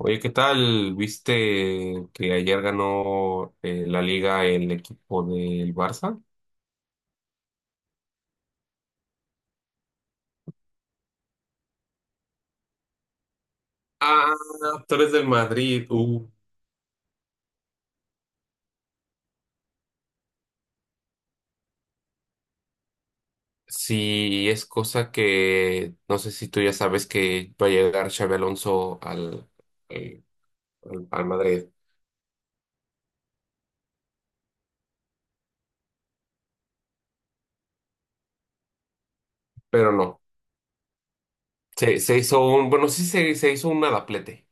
Oye, ¿qué tal? ¿Viste que ayer ganó la liga el equipo del Barça? Ah, tú eres del Madrid. Sí, es cosa que no sé si tú ya sabes que va a llegar Xabi Alonso al, eh, al Madrid, pero no. Se hizo un, bueno, sí se hizo un adaplete.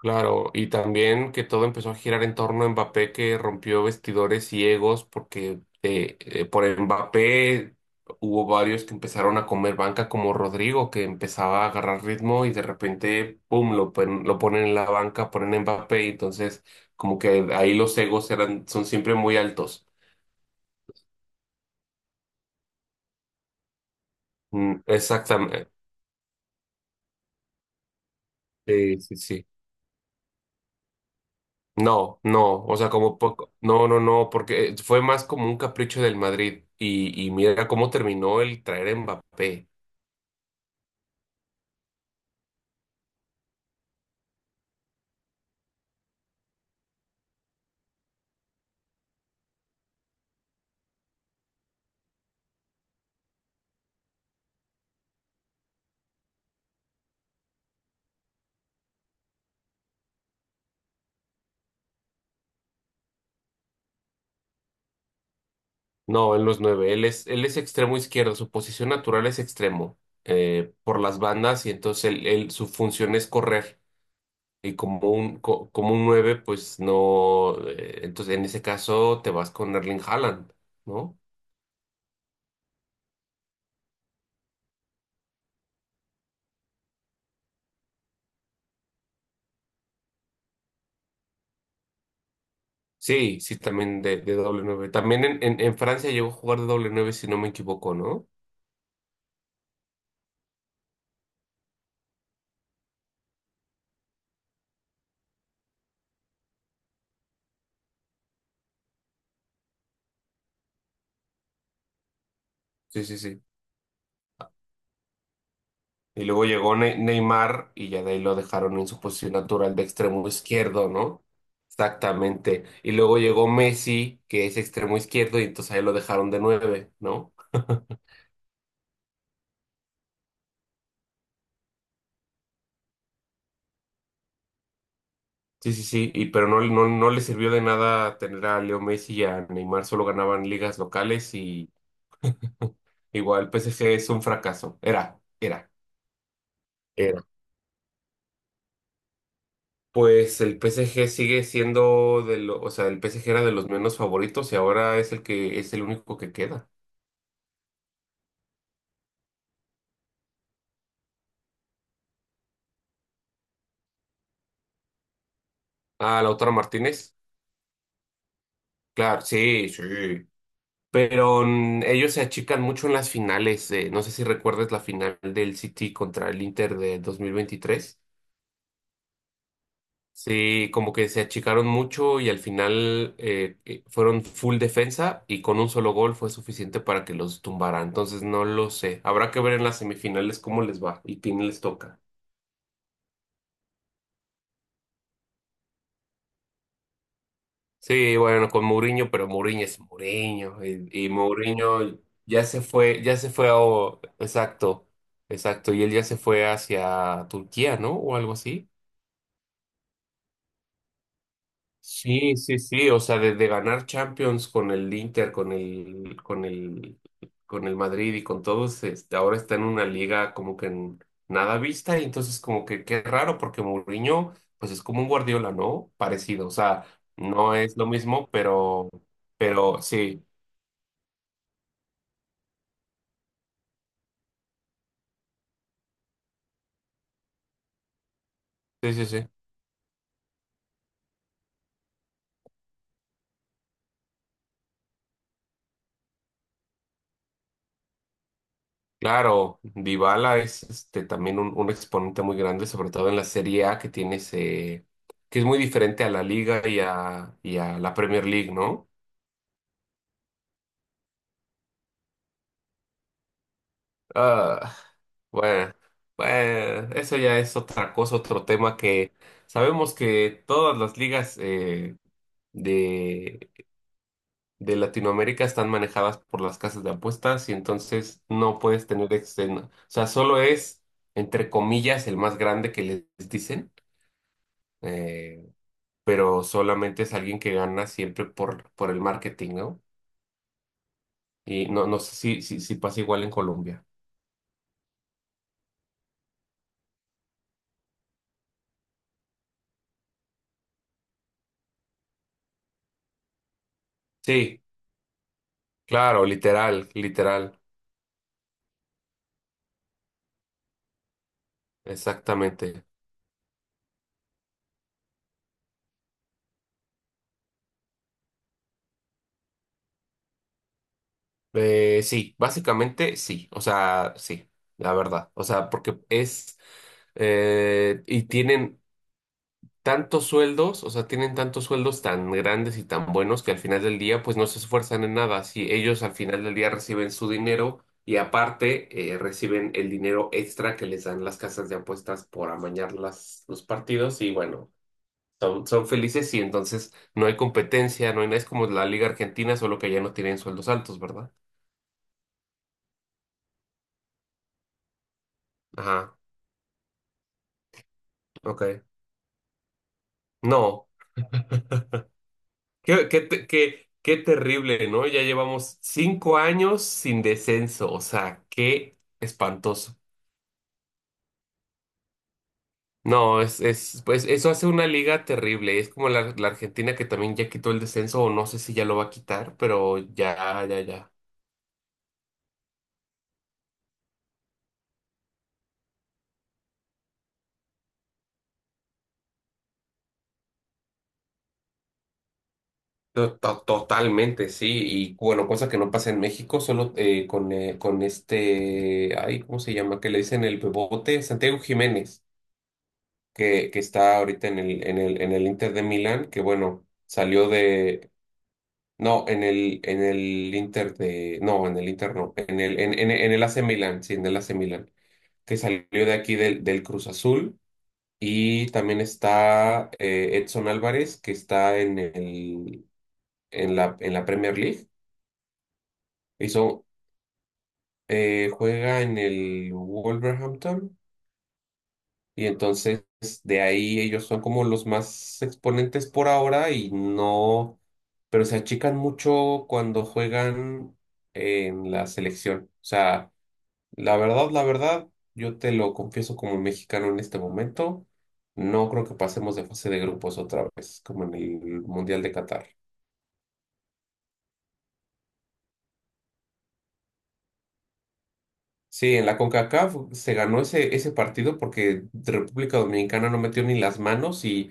Claro, y también que todo empezó a girar en torno a Mbappé, que rompió vestidores ciegos, porque por Mbappé hubo varios que empezaron a comer banca, como Rodrigo, que empezaba a agarrar ritmo y de repente, pum, lo, lo ponen en la banca, ponen a Mbappé, y entonces como que ahí los egos eran, son siempre muy altos. Mm, exactamente. Sí, sí, sí. No, no, o sea, como poco. No, no, no, porque fue más como un capricho del Madrid. Y mira cómo terminó el traer a Mbappé. No, en los nueve. Él es extremo izquierdo, su posición natural es extremo por las bandas y entonces él, su función es correr. Y como un, como un nueve, pues no. Entonces en ese caso te vas con Erling Haaland, ¿no? Sí, sí, también de doble nueve. También en, en Francia llegó a jugar de doble nueve, si no me equivoco, ¿no? Sí, sí, sí. Y luego llegó Neymar y ya de ahí lo dejaron en su posición natural de extremo izquierdo, ¿no? Exactamente. Y luego llegó Messi, que es extremo izquierdo, y entonces ahí lo dejaron de nueve, ¿no? Sí, sí, sí. Y pero no, no, no le sirvió de nada tener a Leo Messi y a Neymar, solo ganaban ligas locales y igual el PSG es un fracaso. Era, era, era. Pues el PSG sigue siendo de lo, o sea, el PSG era de los menos favoritos y ahora es el que es el único que queda. Ah, Lautaro Martínez. Claro, sí, sí. Pero mm, ellos se achican mucho en las finales. No sé si recuerdas la final del City contra el Inter de 2023. Sí, como que se achicaron mucho y al final fueron full defensa y con un solo gol fue suficiente para que los tumbara. Entonces no lo sé. Habrá que ver en las semifinales cómo les va y quién les toca. Sí, bueno, con Mourinho, pero Mourinho es Mourinho. Y Mourinho ya se fue a... o- Exacto, exacto. Y él ya se fue hacia Turquía, ¿no? O algo así. Sí, sí, sí. O sea, desde ganar Champions con el Inter, con el Madrid y con todos, este, ahora está en una liga como que en nada vista. Y entonces como que qué raro, porque Mourinho, pues es como un Guardiola, ¿no? Parecido. O sea, no es lo mismo, pero sí. Sí, sí, sí. Claro, Dybala es este, también un exponente muy grande, sobre todo en la Serie A que tiene ese, que es muy diferente a la Liga y a la Premier League, ¿no? Ah, bueno, bueno, eso ya es otra cosa, otro tema que sabemos que todas las ligas de, de Latinoamérica están manejadas por las casas de apuestas y entonces no puedes tener, este, no- o sea, solo es, entre comillas, el más grande que les dicen eh, pero solamente es alguien que gana siempre por el marketing, ¿no? Y no, no sé si, si, si pasa igual en Colombia. Sí, claro, literal, literal, exactamente. Sí, básicamente sí, o sea, sí, la verdad, o sea, porque es, y tienen tantos sueldos, o sea, tienen tantos sueldos tan grandes y tan buenos que al final del día, pues no se esfuerzan en nada. Si ellos al final del día reciben su dinero y aparte reciben el dinero extra que les dan las casas de apuestas por amañar las, los partidos y bueno, son, son felices y entonces no hay competencia, no hay nada. Es como la Liga Argentina, solo que ya no tienen sueldos altos, ¿verdad? Ajá, ok. No. Qué, qué, te- qué, qué terrible, ¿no? Ya llevamos 5 años sin descenso, o sea, qué espantoso. No, es, pues eso hace una liga terrible. Es como la, la Argentina que también ya quitó el descenso, o no sé si ya lo va a quitar, pero ya, ya, ya. To- to- Totalmente, sí. Y bueno, cosa que no pasa en México, solo con este, ay, ¿cómo se llama? Que le dicen el bebote, Santiago Jiménez, que está ahorita en el, en el, en el Inter de Milán, que bueno, salió de No, en el Inter de. No, en el Inter no. En el AC Milan, sí, en el AC Milan. Que salió de aquí del, del Cruz Azul. Y también está Edson Álvarez, que está en el, en la Premier League. Hizo, juega en el Wolverhampton. Y entonces de ahí ellos son como los más exponentes por ahora y no, pero se achican mucho cuando juegan en la selección. O sea, la verdad, yo te lo confieso como mexicano en este momento, no creo que pasemos de fase de grupos otra vez, como en el Mundial de Qatar. Sí, en la CONCACAF se ganó ese, ese partido porque República Dominicana no metió ni las manos y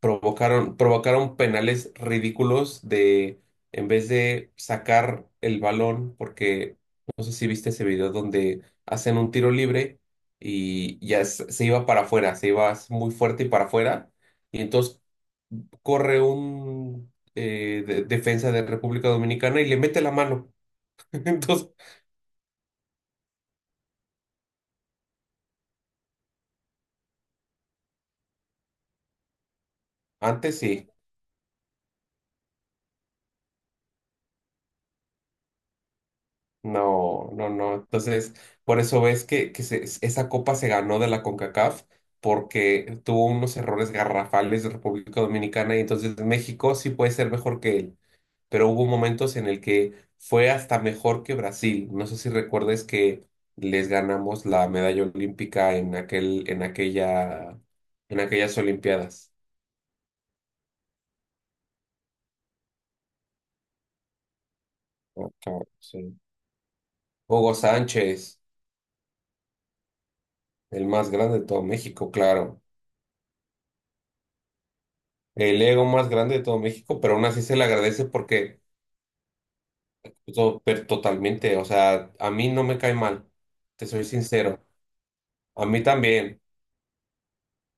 provocaron, provocaron penales ridículos de, en vez de sacar el balón, porque no sé si viste ese video donde hacen un tiro libre y ya se iba para afuera, se iba muy fuerte y para afuera, y entonces corre un defensa de República Dominicana y le mete la mano. Entonces, antes sí. No, no, no. Entonces, por eso ves que se- esa copa se ganó de la CONCACAF porque tuvo unos errores garrafales de República Dominicana y entonces México sí puede ser mejor que él, pero hubo momentos en el que fue hasta mejor que Brasil. No sé si recuerdes que les ganamos la medalla olímpica en aquel, en aquella, en aquellas Olimpiadas. Ah, cabrón, sí. Hugo Sánchez, el más grande de todo México, claro. El ego más grande de todo México, pero aún así se le agradece porque pues, to- per- totalmente, o sea, a mí no me cae mal, te soy sincero, a mí también,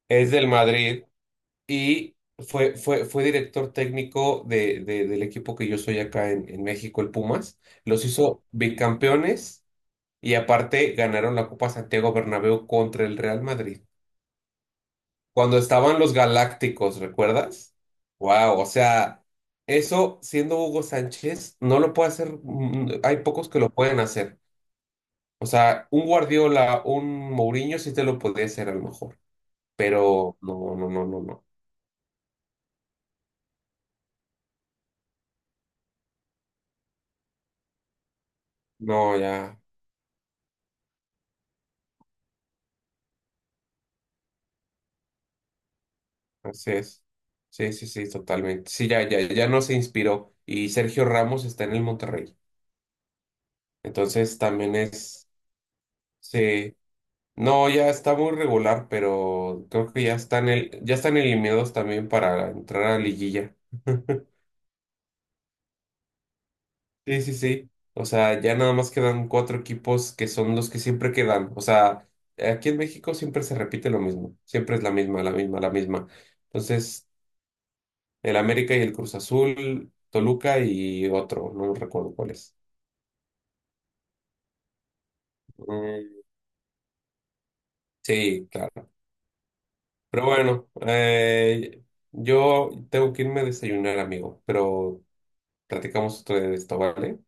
es del Madrid y fue director técnico de, del equipo que yo soy acá en México, el Pumas, los hizo bicampeones y aparte ganaron la Copa Santiago Bernabéu contra el Real Madrid. Cuando estaban los Galácticos, ¿recuerdas? Wow, o sea, eso siendo Hugo Sánchez, no lo puede hacer, mm, hay pocos que lo pueden hacer. O sea, un Guardiola, un Mourinho sí te lo podría hacer a lo mejor, pero no, no, no, no, no. No, ya, así es. Sí, sí, sí, totalmente. Sí, ya, ya, ya no se inspiró. Y Sergio Ramos está en el Monterrey. Entonces también es, sí, no, ya está muy regular, pero creo que ya están el, ya están eliminados también para entrar a liguilla. Sí, sí, sí. O sea, ya nada más quedan cuatro equipos que son los que siempre quedan. O sea, aquí en México siempre se repite lo mismo. Siempre es la misma, la misma, la misma. Entonces, el América y el Cruz Azul, Toluca y otro, no recuerdo cuál es. Mm, sí, claro. Pero bueno, yo tengo que irme a desayunar, amigo. Pero platicamos otro de esto, ¿vale?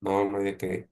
No, no hay de qué.